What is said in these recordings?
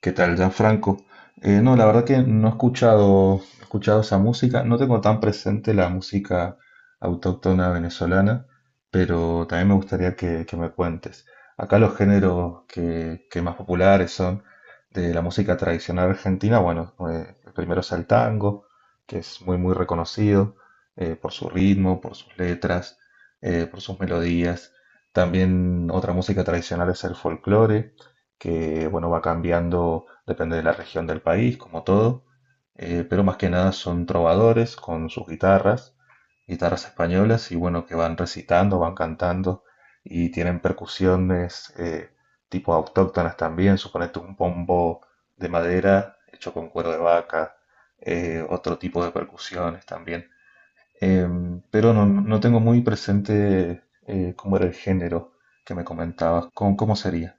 ¿Qué tal, Gianfranco? No, la verdad que no he escuchado, he escuchado esa música. No tengo tan presente la música autóctona venezolana, pero también me gustaría que me cuentes. Acá los géneros que más populares son de la música tradicional argentina. Bueno, el primero es el tango, que es muy, muy reconocido por su ritmo, por sus letras, por sus melodías. También otra música tradicional es el folclore que bueno, va cambiando, depende de la región del país, como todo, pero más que nada son trovadores con sus guitarras, guitarras españolas, y bueno, que van recitando, van cantando, y tienen percusiones tipo autóctonas también, suponete un pombo de madera hecho con cuero de vaca, otro tipo de percusiones también. Pero no, no tengo muy presente cómo era el género que me comentabas, cómo, cómo sería.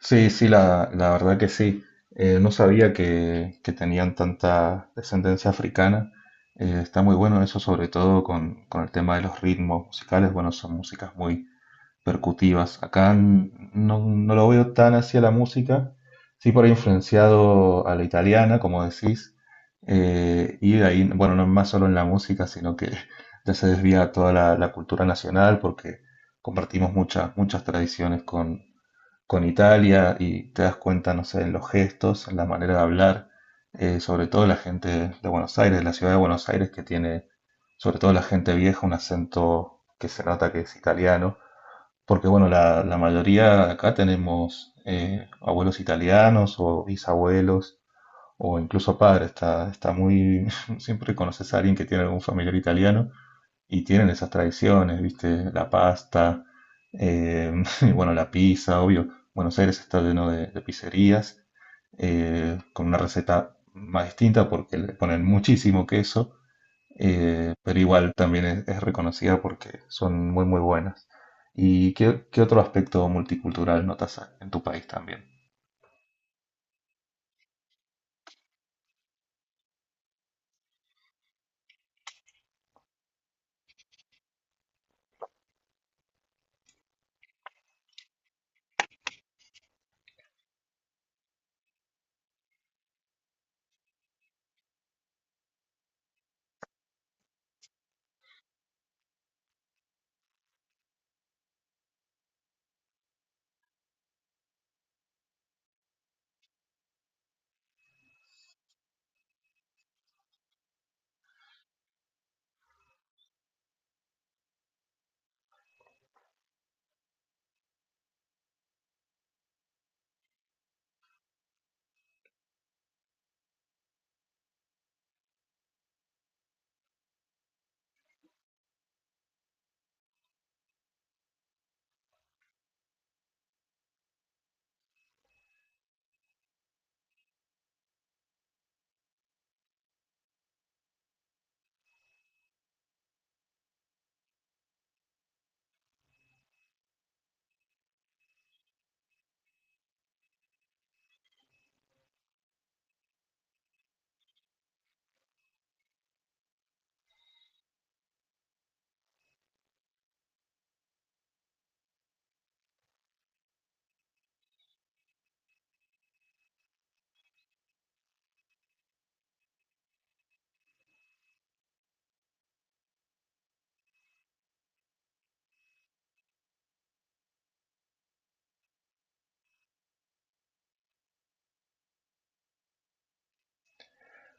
Sí, sí, la verdad que sí. No sabía que tenían tanta descendencia africana. Está muy bueno eso, sobre todo con el tema de los ritmos musicales. Bueno, son músicas muy percutivas. Acá no, no lo veo tan hacia la música, sí por ahí influenciado a la italiana, como decís. Y de ahí, bueno, no es más solo en la música, sino que ya se desvía toda la cultura nacional porque compartimos muchas, muchas tradiciones con Italia y te das cuenta, no sé, en los gestos, en la manera de hablar, sobre todo la gente de Buenos Aires, de la ciudad de Buenos Aires, que tiene, sobre todo la gente vieja, un acento que se nota que es italiano, porque bueno, la mayoría de acá tenemos abuelos italianos o bisabuelos o incluso padres, está muy, siempre conoces a alguien que tiene algún familiar italiano y tienen esas tradiciones, ¿viste? La pasta, eh, y bueno, la pizza, obvio. Buenos Aires está lleno de pizzerías con una receta más distinta porque le ponen muchísimo queso, pero igual también es reconocida porque son muy, muy buenas. ¿Y qué, qué otro aspecto multicultural notas en tu país también?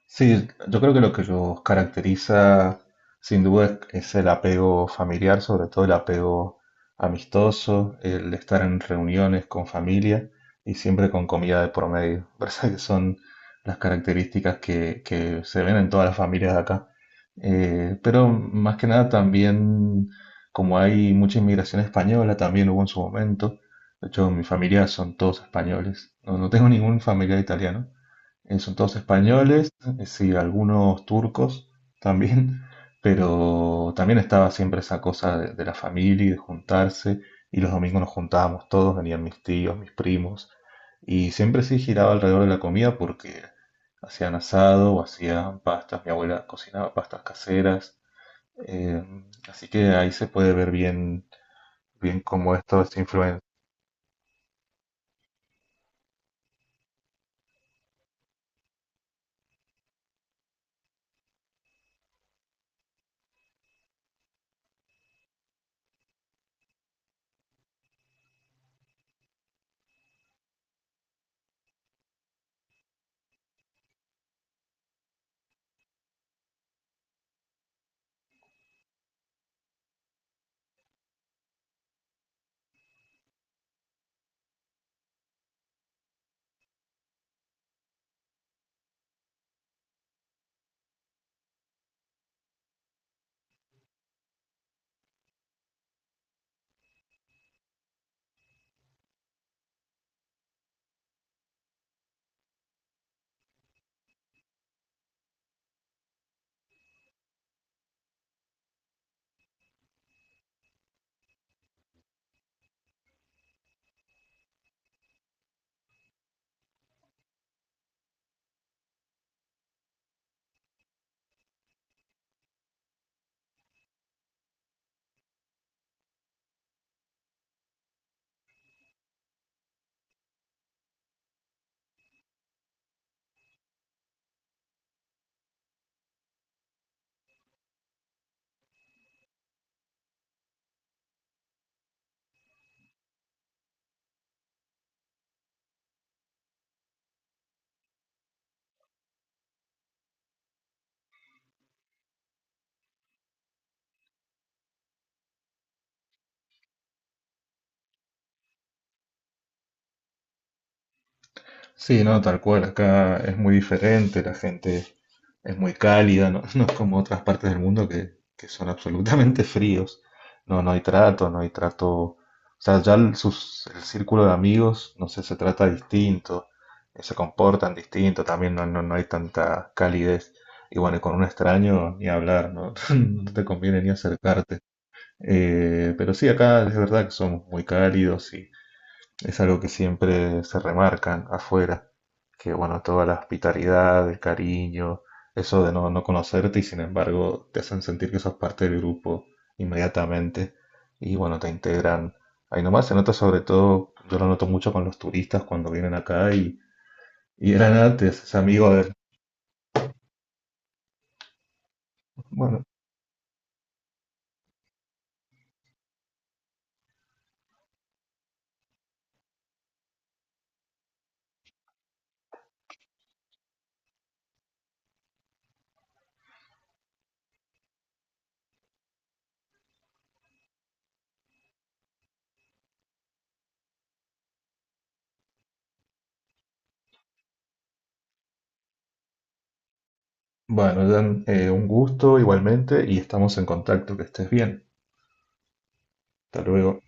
Sí, yo creo que lo que los caracteriza sin duda es el apego familiar, sobre todo el apego amistoso, el estar en reuniones con familia y siempre con comida de por medio. Parece que son las características que se ven en todas las familias de acá. Pero más que nada también, como hay mucha inmigración española, también hubo en su momento. De hecho, mi familia son todos españoles. No, no tengo ningún familiar italiano. En son todos españoles, sí, algunos turcos también, pero también estaba siempre esa cosa de la familia y de juntarse, y los domingos nos juntábamos todos, venían mis tíos, mis primos, y siempre sí giraba alrededor de la comida porque hacían asado o hacían pastas, mi abuela cocinaba pastas caseras, eh, así que ahí se puede ver bien, bien cómo esto es influencia. Sí, no, tal cual. Acá es muy diferente, la gente es muy cálida, no, no es como otras partes del mundo que son absolutamente fríos. No, no hay trato, no hay trato. O sea, el círculo de amigos, no sé, se trata distinto, se comportan distinto, también no, no, no hay tanta calidez. Y bueno, y con un extraño ni hablar, ¿no? No te conviene ni acercarte. Pero sí, acá es verdad que somos muy cálidos es algo que siempre se remarcan afuera, que bueno, toda la hospitalidad, el cariño, eso de no, no conocerte y sin embargo te hacen sentir que sos parte del grupo inmediatamente y bueno, te integran. Ahí nomás se nota sobre todo, yo lo noto mucho con los turistas cuando vienen acá y eran antes, es amigo de... Bueno, bueno, Dan, un gusto igualmente y estamos en contacto, que estés bien. Hasta luego.